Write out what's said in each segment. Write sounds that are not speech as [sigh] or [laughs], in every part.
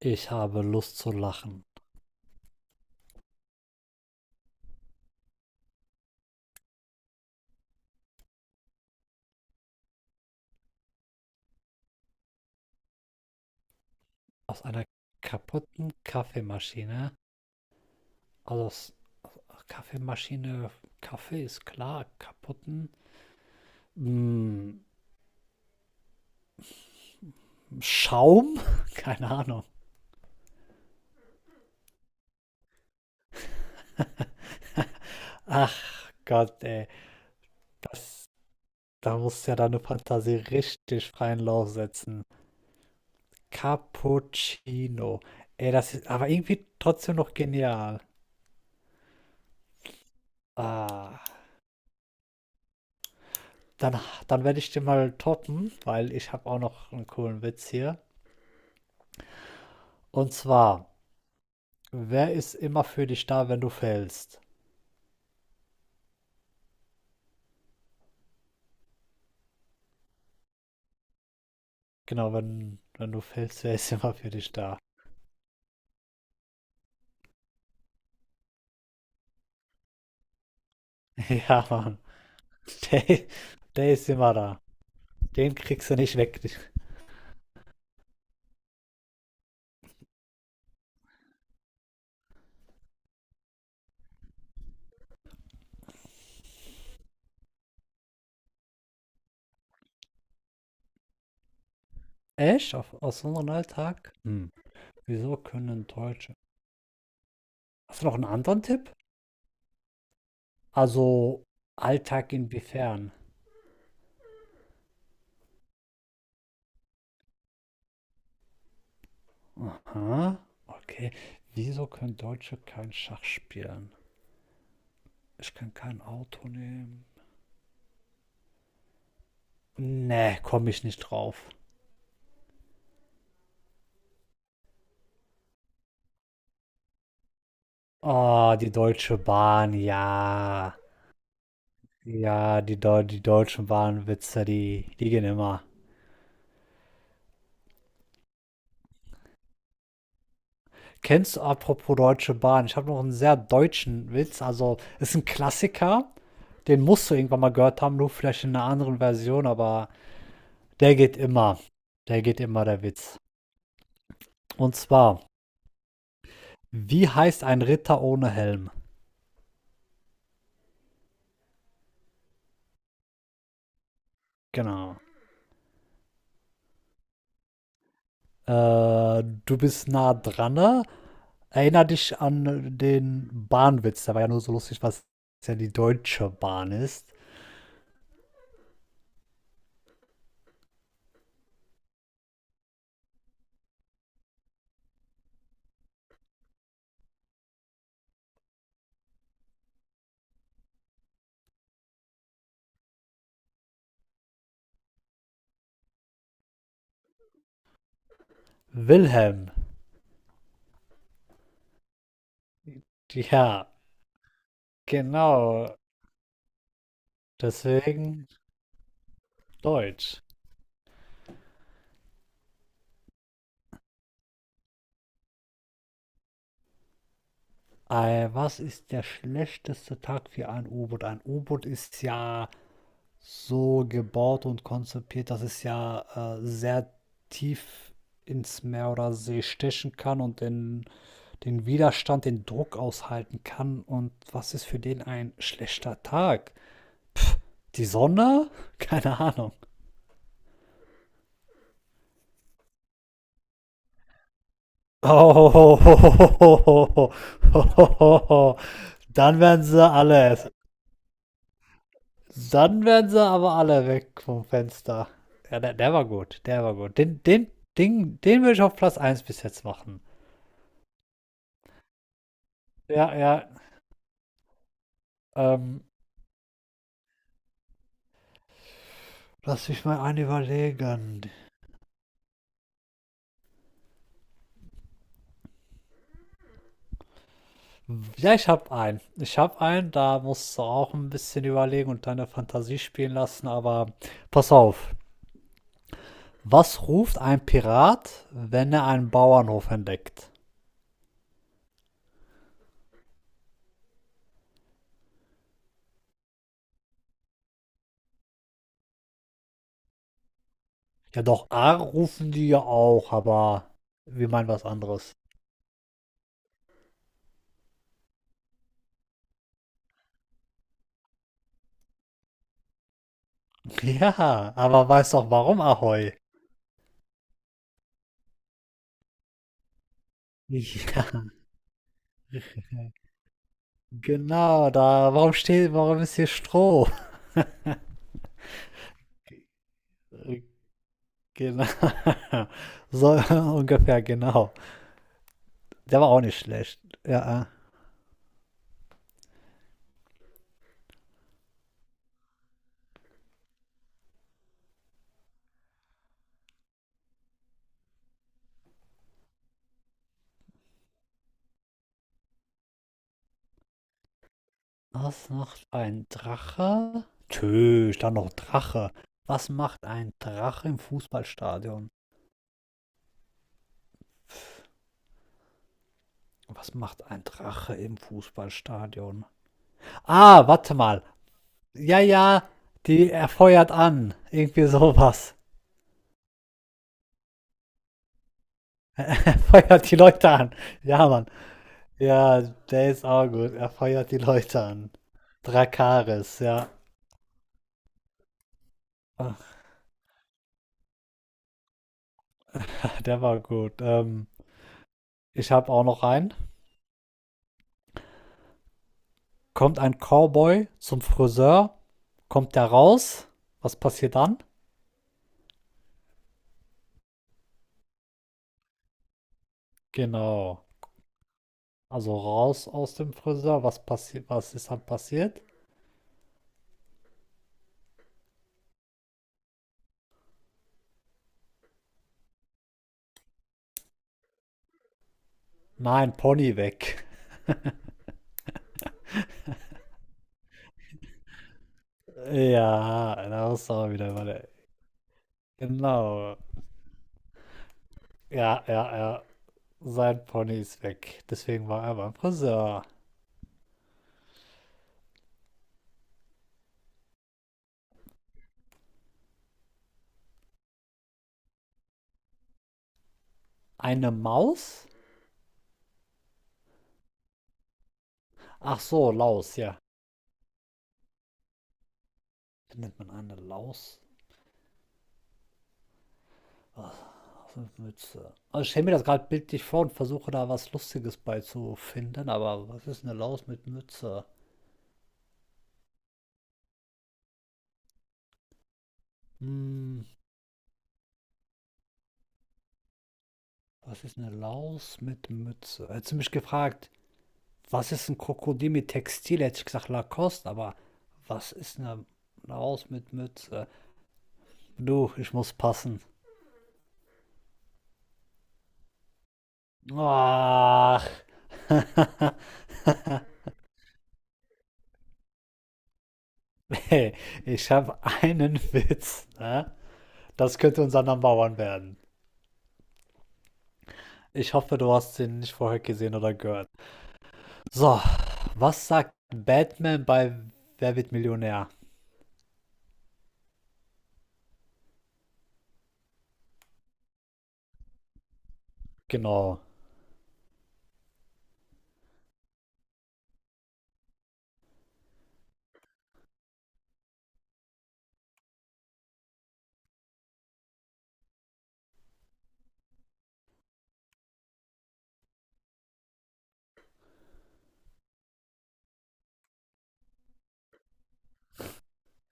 Ich habe Lust zu lachen. Aus einer kaputten Kaffeemaschine, also aus Kaffeemaschine, Kaffee ist klar, kaputten mm, Schaum? [laughs] Keine Ahnung. Ach Gott, ey. Da musst du ja deine Fantasie richtig freien Lauf setzen. Cappuccino. Ey, das ist aber irgendwie trotzdem noch genial. Ah, dann, dann werde ich den mal toppen, weil ich habe auch noch einen coolen Witz hier. Und zwar, wer ist immer für dich da, wenn du fällst? Genau, wenn du fällst, wer ist immer für dich da? [laughs] Ja, Mann. Der, der ist immer da. Den kriegst du nicht weg. Echt? Auf, aus unserem Alltag? Hm. Wieso können Deutsche? Hast du noch einen anderen Tipp? Also, Alltag inwiefern? Aha, okay. Wieso können Deutsche kein Schach spielen? Ich kann kein Auto nehmen. Nee, komme ich nicht drauf. Oh, die Deutsche Bahn, ja. Ja, die, Deu die deutschen Bahnwitze, die gehen immer. Kennst du apropos Deutsche Bahn? Ich habe noch einen sehr deutschen Witz. Also, ist ein Klassiker. Den musst du irgendwann mal gehört haben, nur vielleicht in einer anderen Version, aber der geht immer. Der geht immer, der Witz. Und zwar, wie heißt ein Ritter ohne Helm? Genau. Du bist nah dran, ne? Erinner dich an den Bahnwitz. Der war ja nur so lustig, was ja die Deutsche Bahn ist. Wilhelm, ja, genau, deswegen Deutsch. Was ist der schlechteste Tag für ein U-Boot? Ein U-Boot ist ja so gebaut und konzipiert, dass es ja sehr tief ins Meer oder See stechen kann und den, den Widerstand, den Druck aushalten kann. Und was ist für den ein schlechter Tag? Die Sonne? [laughs] Keine Ahnung. Oh, [laughs] dann werden sie alle. Dann werden sie aber alle weg vom Fenster. Ja, der, der war gut, der war gut. Den, den, den, den würde ich auf Platz eins bis jetzt machen. Ja, ja, ähm, lass mich mal einen überlegen. Ja, ich hab einen. Ich hab einen, da musst du auch ein bisschen überlegen und deine Fantasie spielen lassen, aber pass auf. Was ruft ein Pirat, wenn er einen Bauernhof entdeckt? Ja, doch, A rufen die ja auch, aber wir meinen was anderes. [laughs] Ja, aber weißt doch warum, Ahoi? Ja, genau, da, warum steht, warum ist hier Stroh? Äh, Genau. [laughs] So [laughs] ungefähr, genau. Der war auch nicht schlecht. Ja. Was macht ein Drache? Tö, stand noch Drache. Was macht ein Drache im Fußballstadion? Was macht ein Drache im Fußballstadion? Ah, warte mal. Ja, ja, die er feuert an. Irgendwie sowas. [laughs] Er feuert die Leute an. Ja, Mann. Ja, der ist auch gut. Er feuert die Leute an. Drakaris, ja. [laughs] Der war gut. Ich habe auch noch einen. Kommt ein Cowboy zum Friseur, kommt der raus. Was passiert dann? Genau. Also raus aus dem Friseur. Was passiert? Was ist dann passiert? Nein, Pony weg. [laughs] Ja, da ist auch wieder mal der. Genau. Ja, ja, ja. Sein Pony ist weg. Deswegen war er beim Friseur. Eine Maus? Ach so, Laus, ja. Findet man eine Laus? Ach, so Mütze. Also ich stelle mir das gerade bildlich vor und versuche da was Lustiges beizufinden, aber was ist eine Laus mit Mütze? Hm, was ist eine Laus mit Mütze? Hättest du mich gefragt, was ist ein Krokodil mit Textil? Hätte ich gesagt Lacoste, aber was ist eine Laus mit Mütze? Du, ich muss passen. Ach, [laughs] hey, ich habe einen Witz, ne? Das könnte unser Number One werden. Ich hoffe, du hast den nicht vorher gesehen oder gehört. So, was sagt Batman bei Wer wird Millionär? Genau.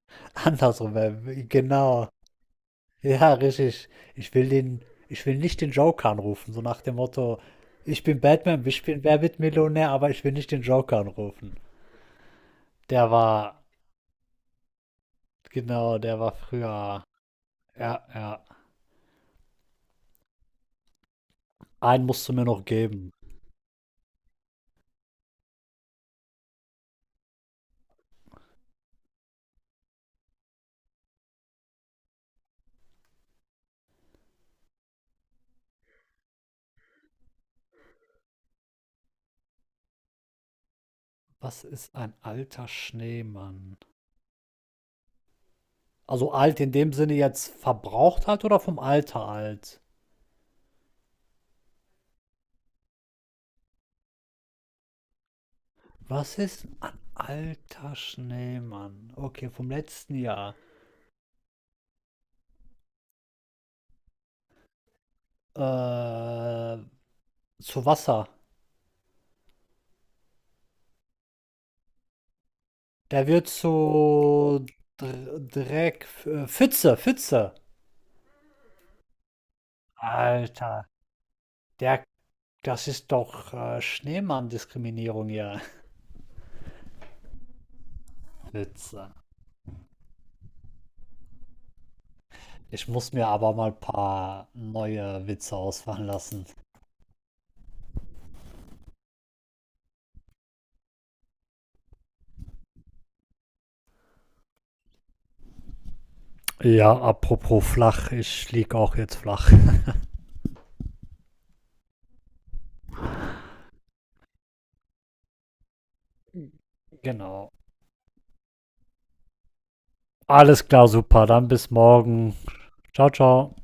[laughs] Andersrum, wer, genau. Ja, richtig. Ich will den, ich will nicht den Joker anrufen, so nach dem Motto, ich bin Batman, ich bin Wer wird Millionär, aber ich will nicht den Joker anrufen. Der war, genau, der war früher. Ja, ja. Einen musst du mir noch geben. Was ist ein alter Schneemann? Also alt in dem Sinne jetzt verbraucht alt oder vom Alter alt? Was ist ein alter Schneemann? Okay, vom letzten Jahr. Äh, zu Wasser. Der wird zu Dreck, Pfütze, Pfütze. Alter, der, das ist doch Schneemann-Diskriminierung hier. [laughs] Witze. Ich muss mir aber mal ein paar neue Witze ausfallen lassen. Ja, apropos flach, ich lieg auch jetzt flach. Genau. Alles klar, super. Dann bis morgen. Ciao, ciao.